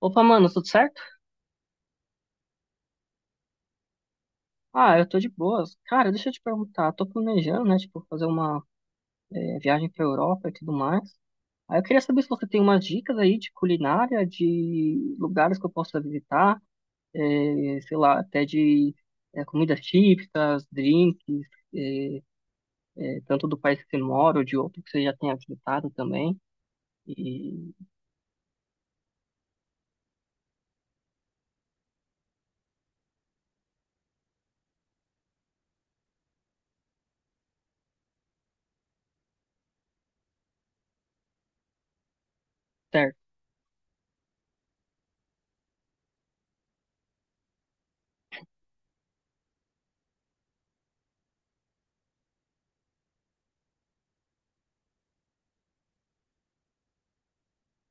Opa, mano, tudo certo? Ah, eu tô de boas. Cara, deixa eu te perguntar, tô planejando, né, tipo, fazer uma viagem pra Europa e tudo mais. Aí eu queria saber se você tem umas dicas aí de culinária, de lugares que eu possa visitar, sei lá, até de comidas típicas, drinks, tanto do país que você mora ou de outro que você já tenha visitado também. E, certo.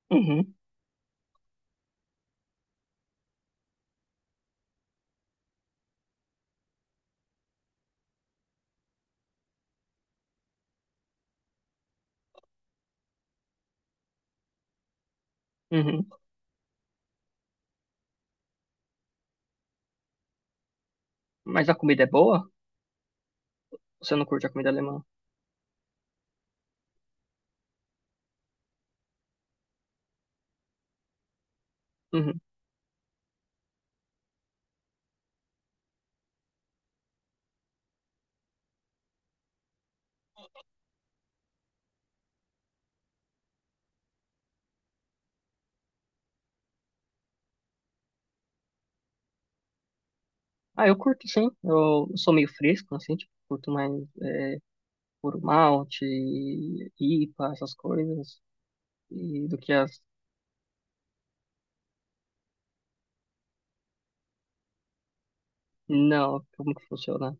Uhum, uhum. Mas a comida é boa? Você não curte a comida alemã? Uhum. Ah, eu curto sim. Eu sou meio fresco, assim, tipo, curto mais puro malte, IPA, essas coisas, e do que as... Não, como que funciona?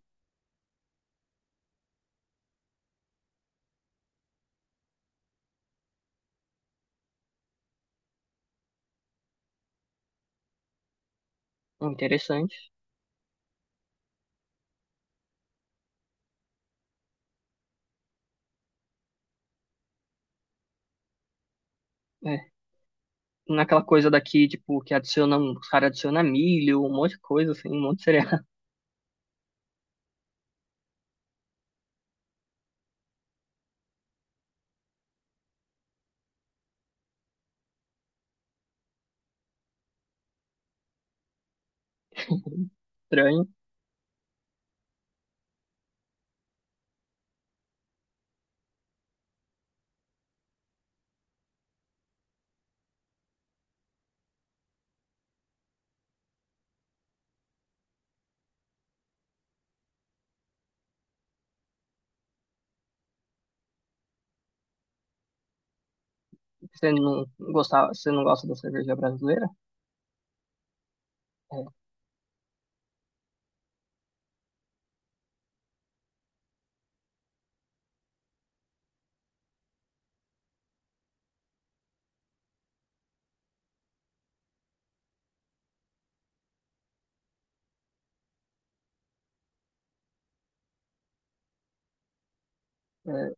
Interessante. É. Naquela coisa daqui, tipo, que adiciona, os caras adicionam milho, um monte de coisa, assim, um monte de cereal estranho. Você não gostava, você não gosta da cerveja brasileira? É,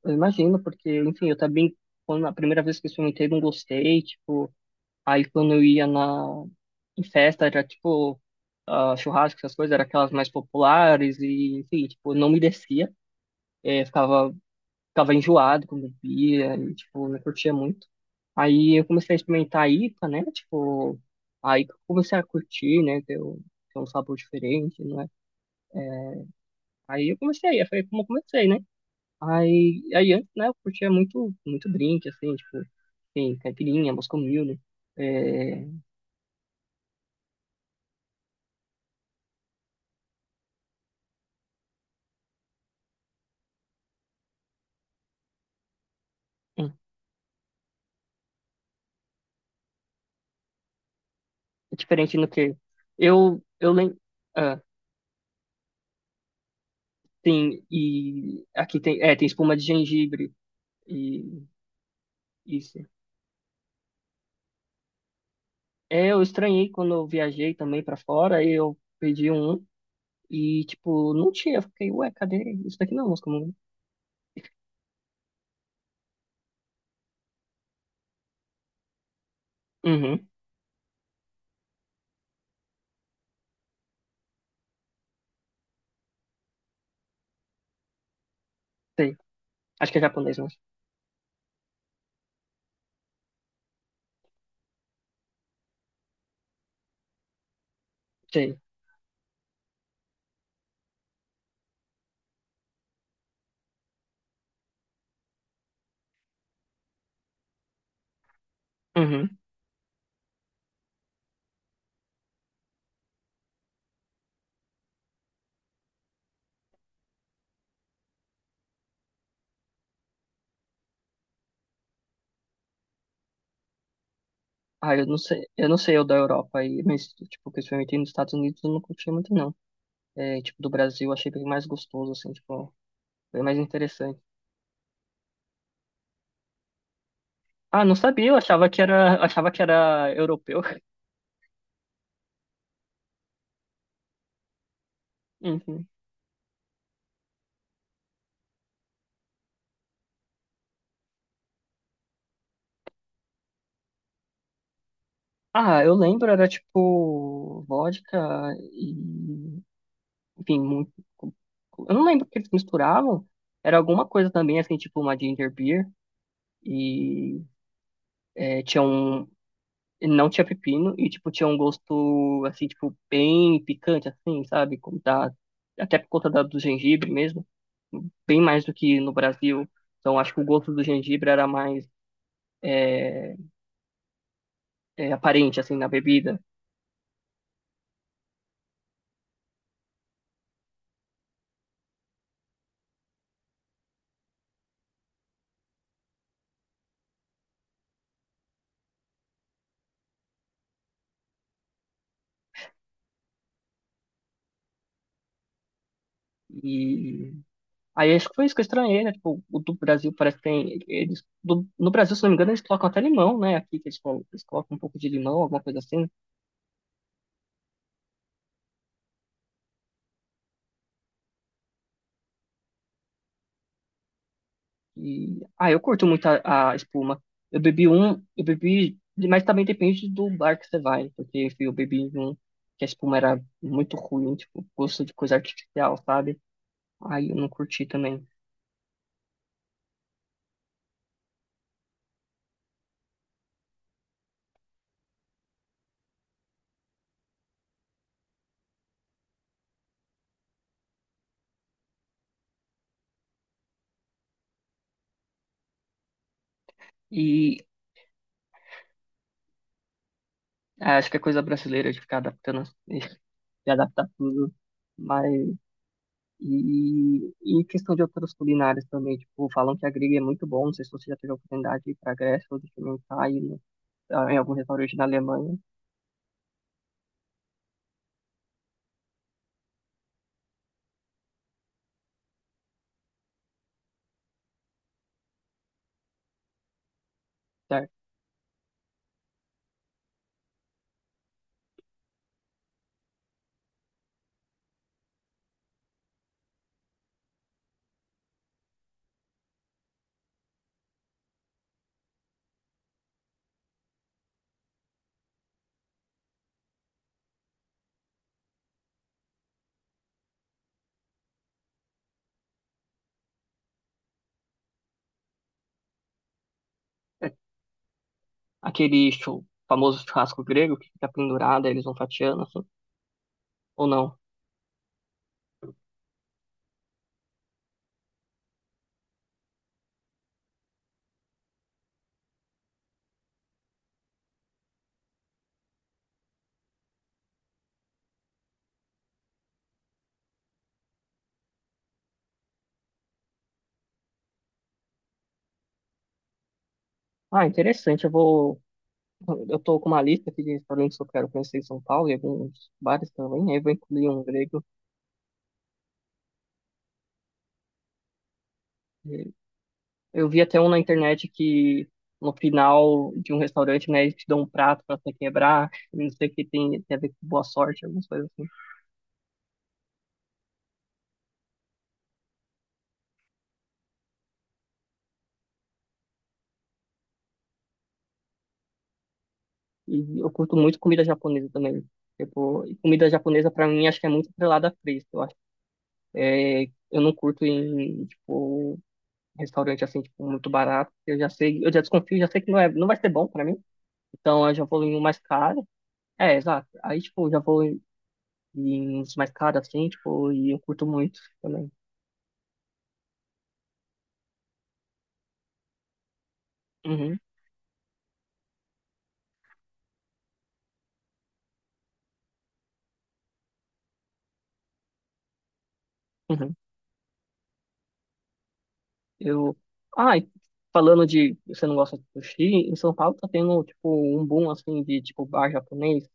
eu imagino, porque, enfim, eu também, quando a primeira vez que experimentei, não gostei, tipo, aí quando eu ia na em festa, era tipo ah, churrasco, essas coisas, era aquelas mais populares e, enfim, tipo, não me descia. Ficava, ficava enjoado quando bebia e, tipo, não curtia muito. Aí eu comecei a experimentar a IPA, né? Tipo, aí que eu comecei a curtir, né? Ter um sabor diferente, não é? Aí eu comecei, aí foi como eu comecei, né? Aí, aí antes, né, eu curtia muito, muito drink, assim, tipo, assim, caipirinha, Moscow Mule, né? É diferente no que eu lembro, ah, tem e aqui tem, é, tem espuma de gengibre e isso. É, eu estranhei quando eu viajei também pra fora, aí eu pedi um e tipo, não tinha, eu fiquei, ué, cadê? Isso daqui não é música comum. Uhum, sei. Acho que é japonês, mas sei. Uhum. Ah, eu não sei o da Europa aí, mas tipo, o que eu experimentei nos Estados Unidos eu não curti muito não. É, tipo, do Brasil eu achei bem mais gostoso assim, tipo, bem mais interessante. Ah, não sabia, eu achava que era europeu. Uhum. Ah, eu lembro, era tipo vodka e, enfim, muito, eu não lembro o que eles misturavam. Era alguma coisa também, assim, tipo uma ginger beer e é, tinha um, não tinha pepino e, tipo, tinha um gosto, assim, tipo, bem picante, assim, sabe? Como da, até por conta da, do gengibre mesmo, bem mais do que no Brasil. Então, acho que o gosto do gengibre era mais é, aparente, assim, na bebida. E aí acho que foi isso que eu estranhei, né? Tipo, o do Brasil parece que tem. Eles, no Brasil, se não me engano, eles colocam até limão, né? Aqui que eles, eles colocam um pouco de limão, alguma coisa assim. E ah, eu curto muito a espuma. Eu bebi um, eu bebi, mas também depende do bar que você vai, porque enfim, eu bebi em um que a espuma era muito ruim, tipo, gosto de coisa artificial, sabe? Aí eu não curti também. E ah, acho que é coisa brasileira de ficar adaptando, de adaptar tudo. Mas e questão de outras culinárias também, tipo, falam que a grega é muito bom, não sei se você já teve a oportunidade de ir pra Grécia ou de experimentar aí ah, em algum restaurante na Alemanha, certo? É aquele famoso churrasco grego que fica pendurado, aí eles vão fatiando, assim, ou não? Ah, interessante, eu vou... Eu tô com uma lista aqui de restaurantes que eu quero conhecer em São Paulo e alguns bares também, aí eu vou incluir um grego. Eu vi até um na internet que no final de um restaurante, né, eles te dão um prato pra você quebrar, e não sei o que tem, tem a ver com boa sorte, algumas coisas assim. E eu curto muito comida japonesa também. Tipo, e comida japonesa pra mim acho que é muito atrelada a preço, eu acho. É, eu não curto em, tipo, restaurante assim, tipo, muito barato. Eu já sei, eu já desconfio, já sei que não é, não vai ser bom pra mim. Então eu já vou em um mais caro. É, exato. Aí, tipo, eu já vou em, em uns mais caros assim, tipo, e eu curto muito também. Uhum, uhum. Eu. Ah, e falando de você não gosta de sushi, em São Paulo tá tendo, tipo, um boom, assim, de, tipo, bar japonês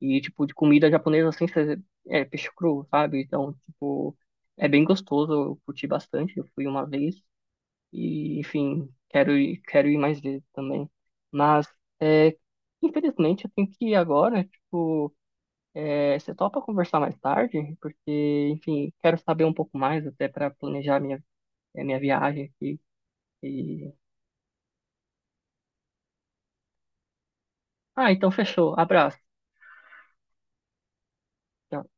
e, tipo, de comida japonesa, assim, cê- é peixe cru, sabe? Então, tipo, é bem gostoso, eu curti bastante, eu fui uma vez e, enfim, quero ir mais vezes também. Mas, é, infelizmente, eu tenho que ir agora, tipo, é, você topa conversar mais tarde? Porque, enfim, quero saber um pouco mais até para planejar minha, é, minha viagem aqui e ah, então fechou. Abraço. Tchau.